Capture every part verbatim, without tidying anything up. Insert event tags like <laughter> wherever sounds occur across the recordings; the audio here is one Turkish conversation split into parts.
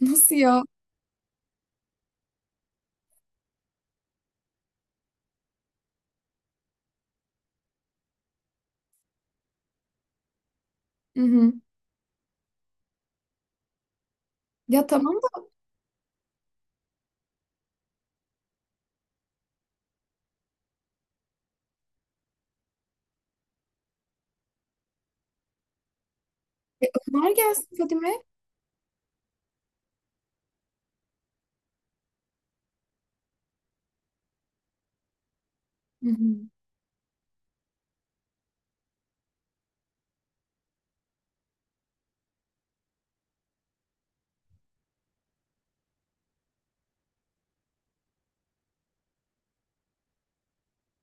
Nasıl ya? Hı hı. Ya tamam da e, onlar gelsin Fadime. Hı hı.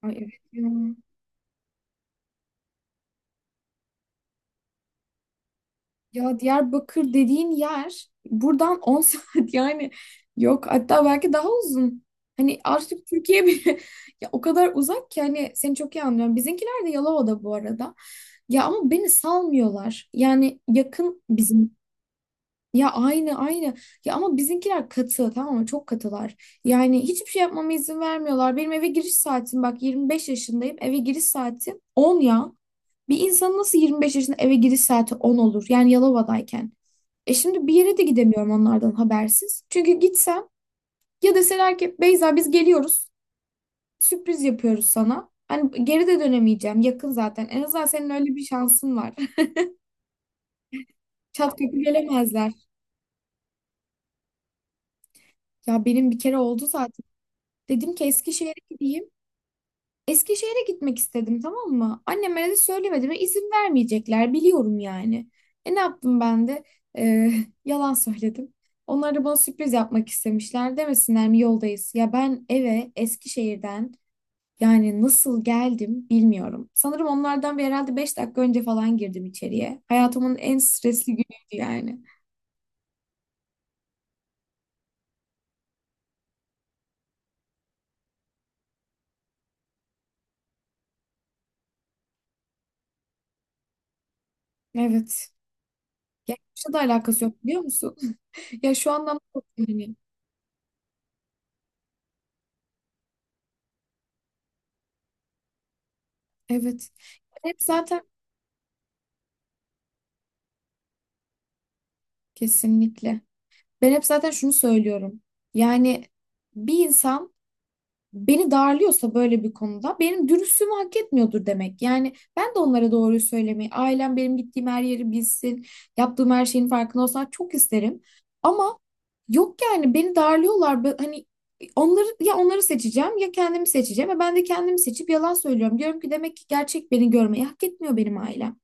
Ay evet ya. Ya Diyarbakır dediğin yer buradan on <laughs> saat yani yok, hatta belki daha uzun. Hani artık Türkiye bile <laughs> ya o kadar uzak ki hani seni çok iyi anlıyorum. Bizimkiler de Yalova'da bu arada. Ya ama beni salmıyorlar. Yani yakın bizim. Ya aynı aynı. Ya ama bizimkiler katı, tamam mı? Çok katılar. Yani hiçbir şey yapmama izin vermiyorlar. Benim eve giriş saatim, bak, yirmi beş yaşındayım. Eve giriş saatim on ya. Bir insan nasıl yirmi beş yaşında eve giriş saati on olur? Yani Yalova'dayken. E şimdi bir yere de gidemiyorum onlardan habersiz. Çünkü gitsem, ya deseler ki Beyza biz geliyoruz, sürpriz yapıyoruz sana. Hani geri de dönemeyeceğim. Yakın zaten. En azından senin öyle bir şansın var. <laughs> Çat kapı gelemezler. Ya benim bir kere oldu zaten. Dedim ki Eskişehir'e gideyim. Eskişehir'e gitmek istedim, tamam mı? Anneme de söylemedim ve izin vermeyecekler, biliyorum yani. E ne yaptım ben de? Ee, <laughs> yalan söyledim. Onlar da bana sürpriz yapmak istemişler. Demesinler mi yoldayız? Ya ben eve Eskişehir'den yani nasıl geldim bilmiyorum. Sanırım onlardan bir herhalde beş dakika önce falan girdim içeriye. Hayatımın en stresli günüydü yani. Evet. Ya hiçbir şey de alakası yok, biliyor musun? <laughs> Ya şu anlamda çok yani. Evet. Ben hep zaten kesinlikle. Ben hep zaten şunu söylüyorum. Yani bir insan beni darlıyorsa böyle bir konuda benim dürüstlüğümü hak etmiyordur demek. Yani ben de onlara doğruyu söylemeyi, ailem benim gittiğim her yeri bilsin, yaptığım her şeyin farkında olsun, çok isterim. Ama yok yani, beni darlıyorlar. Ben- Hani onları ya onları seçeceğim ya kendimi seçeceğim. Ve ben de kendimi seçip yalan söylüyorum. Diyorum ki demek ki gerçek beni görmeyi hak etmiyor benim ailem.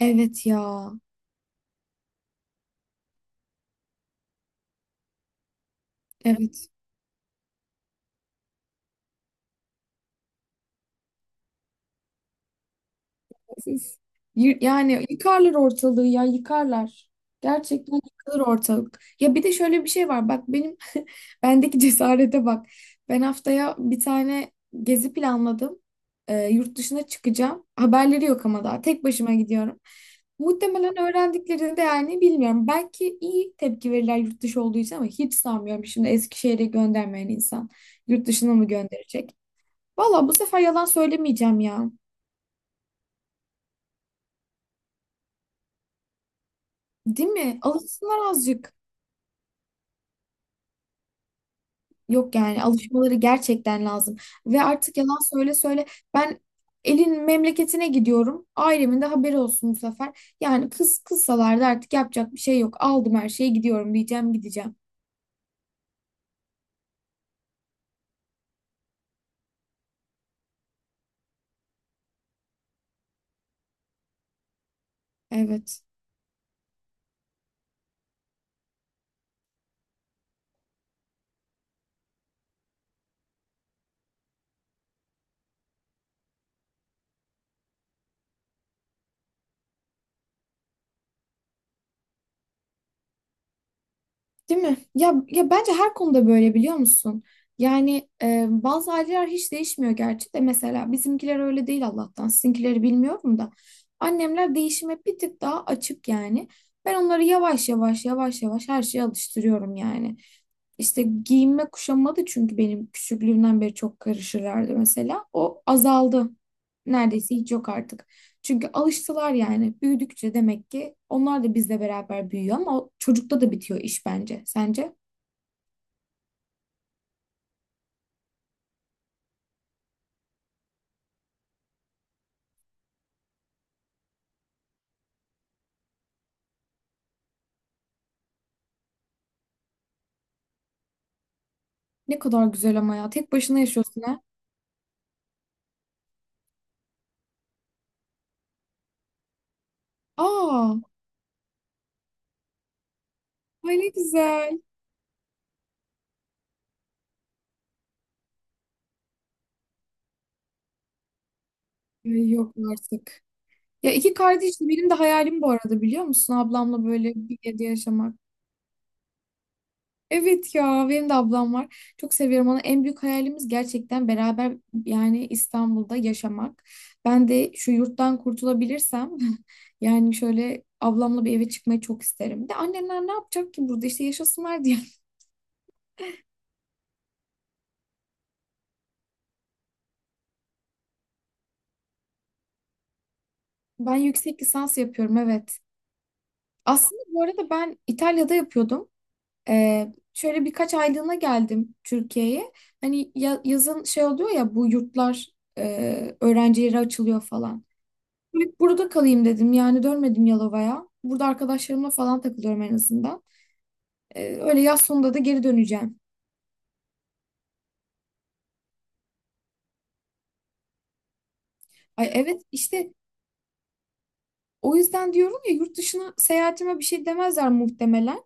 Evet ya. Evet. Siz, y- yani yıkarlar ortalığı, ya yıkarlar. Gerçekten yıkılır ortalık. Ya bir de şöyle bir şey var. Bak benim <laughs> bendeki cesarete bak. Ben haftaya bir tane gezi planladım. Ee, yurt dışına çıkacağım. Haberleri yok ama daha. Tek başıma gidiyorum. Muhtemelen öğrendiklerini de yani bilmiyorum. Belki iyi tepki verirler yurt dışı olduğu için ama hiç sanmıyorum. Şimdi Eskişehir'e göndermeyen insan yurt dışına mı gönderecek? Valla bu sefer yalan söylemeyeceğim ya. Değil mi? Alışsınlar azıcık. Yok, yani alışmaları gerçekten lazım. Ve artık yalan söyle söyle, ben elin memleketine gidiyorum. Ailemin de haberi olsun bu sefer. Yani kız kızsalar da artık yapacak bir şey yok. Aldım her şeyi, gidiyorum, diyeceğim, gideceğim. Evet. Değil mi? Ya, ya bence her konuda böyle, biliyor musun? Yani e, bazı aileler hiç değişmiyor gerçi de, mesela bizimkiler öyle değil Allah'tan. Sizinkileri bilmiyorum da. Annemler değişime bir tık daha açık yani. Ben onları yavaş yavaş yavaş yavaş her şeye alıştırıyorum yani. İşte giyinme kuşanma da, çünkü benim küçüklüğümden beri çok karışırlardı mesela. O azaldı. Neredeyse hiç yok artık. Çünkü alıştılar yani. Büyüdükçe demek ki onlar da bizle beraber büyüyor, ama o çocukta da bitiyor iş bence. Sence? Ne kadar güzel ama ya. Tek başına yaşıyorsun ha. Aa, ay ne güzel. Ay yok artık. Ya iki kardeşim, benim de hayalim bu arada, biliyor musun? Ablamla böyle bir evde yaşamak. Evet ya, benim de ablam var. Çok seviyorum onu. En büyük hayalimiz gerçekten beraber yani İstanbul'da yaşamak. Ben de şu yurttan kurtulabilirsem <laughs> yani şöyle ablamla bir eve çıkmayı çok isterim. Bir de annemler ne yapacak ki burada, işte yaşasınlar diye. <laughs> Ben yüksek lisans yapıyorum, evet. Aslında bu arada ben İtalya'da yapıyordum. Ee, şöyle birkaç aylığına geldim Türkiye'ye. Hani ya- yazın şey oluyor ya, bu yurtlar e, öğrencilere açılıyor falan. Hep burada kalayım dedim. Yani dönmedim Yalova'ya. Burada arkadaşlarımla falan takılıyorum en azından. Ee, öyle yaz sonunda da geri döneceğim. Ay evet, işte o yüzden diyorum ya, yurt dışına seyahatime bir şey demezler muhtemelen.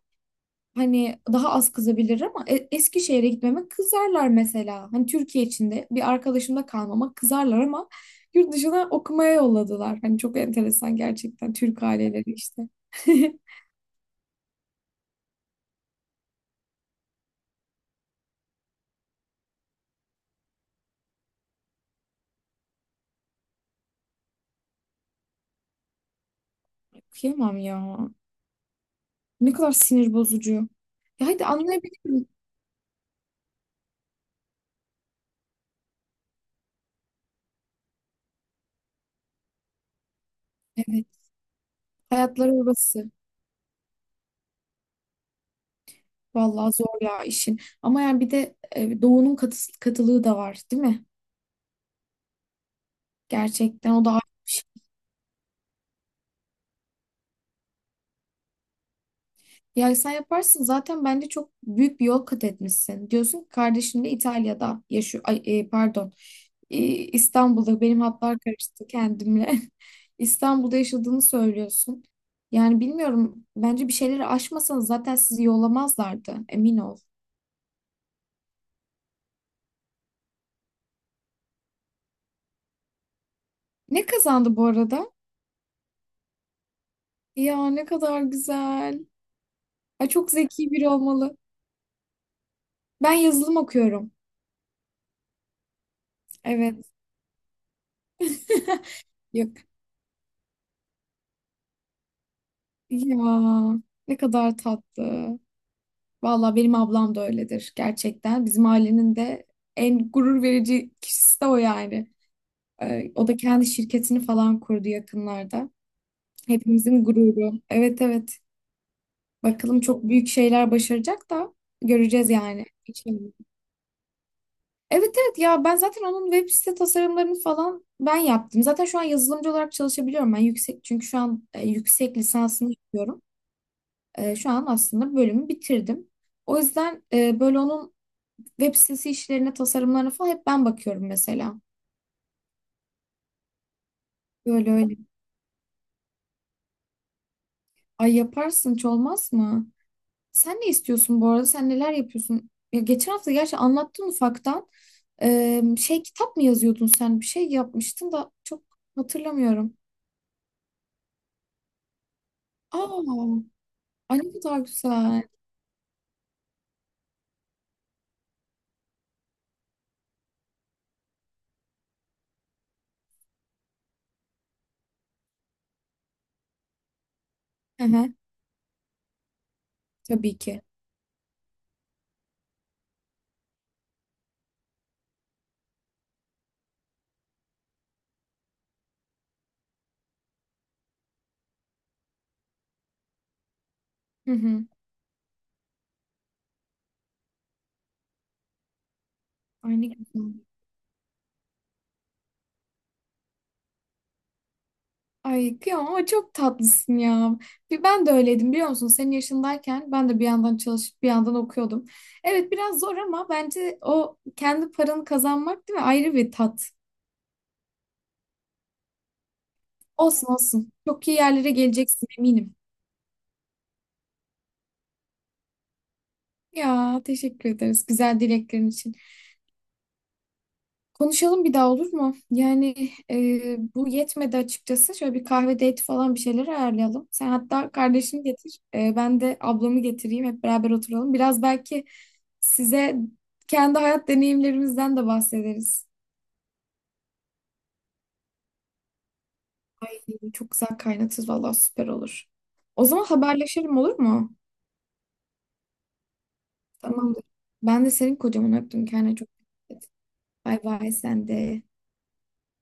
Hani daha az kızabilir ama e- Eskişehir'e gitmeme kızarlar mesela. Hani Türkiye içinde bir arkadaşımda kalmama kızarlar ama yurt dışına okumaya yolladılar. Hani çok enteresan gerçekten Türk aileleri işte. <laughs> Okuyamam ya. Ne kadar sinir bozucu. Ya hadi anlayabilirim. Evet. Hayatları orası. Vallahi zor ya işin. Ama yani bir de e, doğunun katı, katılığı da var, değil mi? Gerçekten o da ayrı bir şey. Ya sen yaparsın zaten, bence çok büyük bir yol kat etmişsin. Diyorsun ki kardeşim de İtalya'da yaşıyor. Ay, e, pardon. E, İstanbul'da, benim hatlar karıştı kendimle. <laughs> İstanbul'da yaşadığını söylüyorsun. Yani bilmiyorum, bence bir şeyleri aşmasanız zaten sizi yollamazlardı, emin ol. Ne kazandı bu arada? Ya ne kadar güzel. Ay, çok zeki biri olmalı. Ben yazılım okuyorum. Evet. <laughs> Yok. Ya ne kadar tatlı. Valla benim ablam da öyledir gerçekten. Bizim ailenin de en gurur verici kişisi de o yani. Ee, o da kendi şirketini falan kurdu yakınlarda. Hepimizin gururu. Evet, evet. Bakalım, çok büyük şeyler başaracak da göreceğiz yani. Evet evet, ya ben zaten onun web site tasarımlarını falan ben yaptım. Zaten şu an yazılımcı olarak çalışabiliyorum ben, yüksek çünkü şu an e, yüksek lisansını yapıyorum. E, şu an aslında bölümü bitirdim. O yüzden e, böyle onun web sitesi işlerine, tasarımlarına falan hep ben bakıyorum mesela. Böyle öyle. Ay yaparsın, hiç olmaz mı? Sen ne istiyorsun bu arada? Sen neler yapıyorsun? Ya geçen hafta gerçi anlattın ufaktan. E, şey kitap mı yazıyordun sen? Bir şey yapmıştın da çok hatırlamıyorum. Aa. Ay ne kadar güzel. Hı hı, tabii ki. Hı hı. Ay ne güzel. Ay kıyamam ama çok tatlısın ya. Bir ben de öyleydim, biliyor musun? Senin yaşındayken ben de bir yandan çalışıp bir yandan okuyordum. Evet, biraz zor ama bence o kendi paranı kazanmak, değil mi? Ayrı bir tat. Olsun olsun. Çok iyi yerlere geleceksin, eminim. Ya teşekkür ederiz güzel dileklerin için. Konuşalım bir daha, olur mu? Yani e, bu yetmedi açıkçası. Şöyle bir kahve date falan bir şeyler ayarlayalım. Sen hatta kardeşini getir, e, ben de ablamı getireyim. Hep beraber oturalım. Biraz belki size kendi hayat deneyimlerimizden de bahsederiz. E, Çok güzel kaynatırız, vallahi süper olur. O zaman haberleşelim, olur mu? Tamamdır. Ben de senin kocaman öptüm. Kendine çok dikkat et. Bay bay sen de.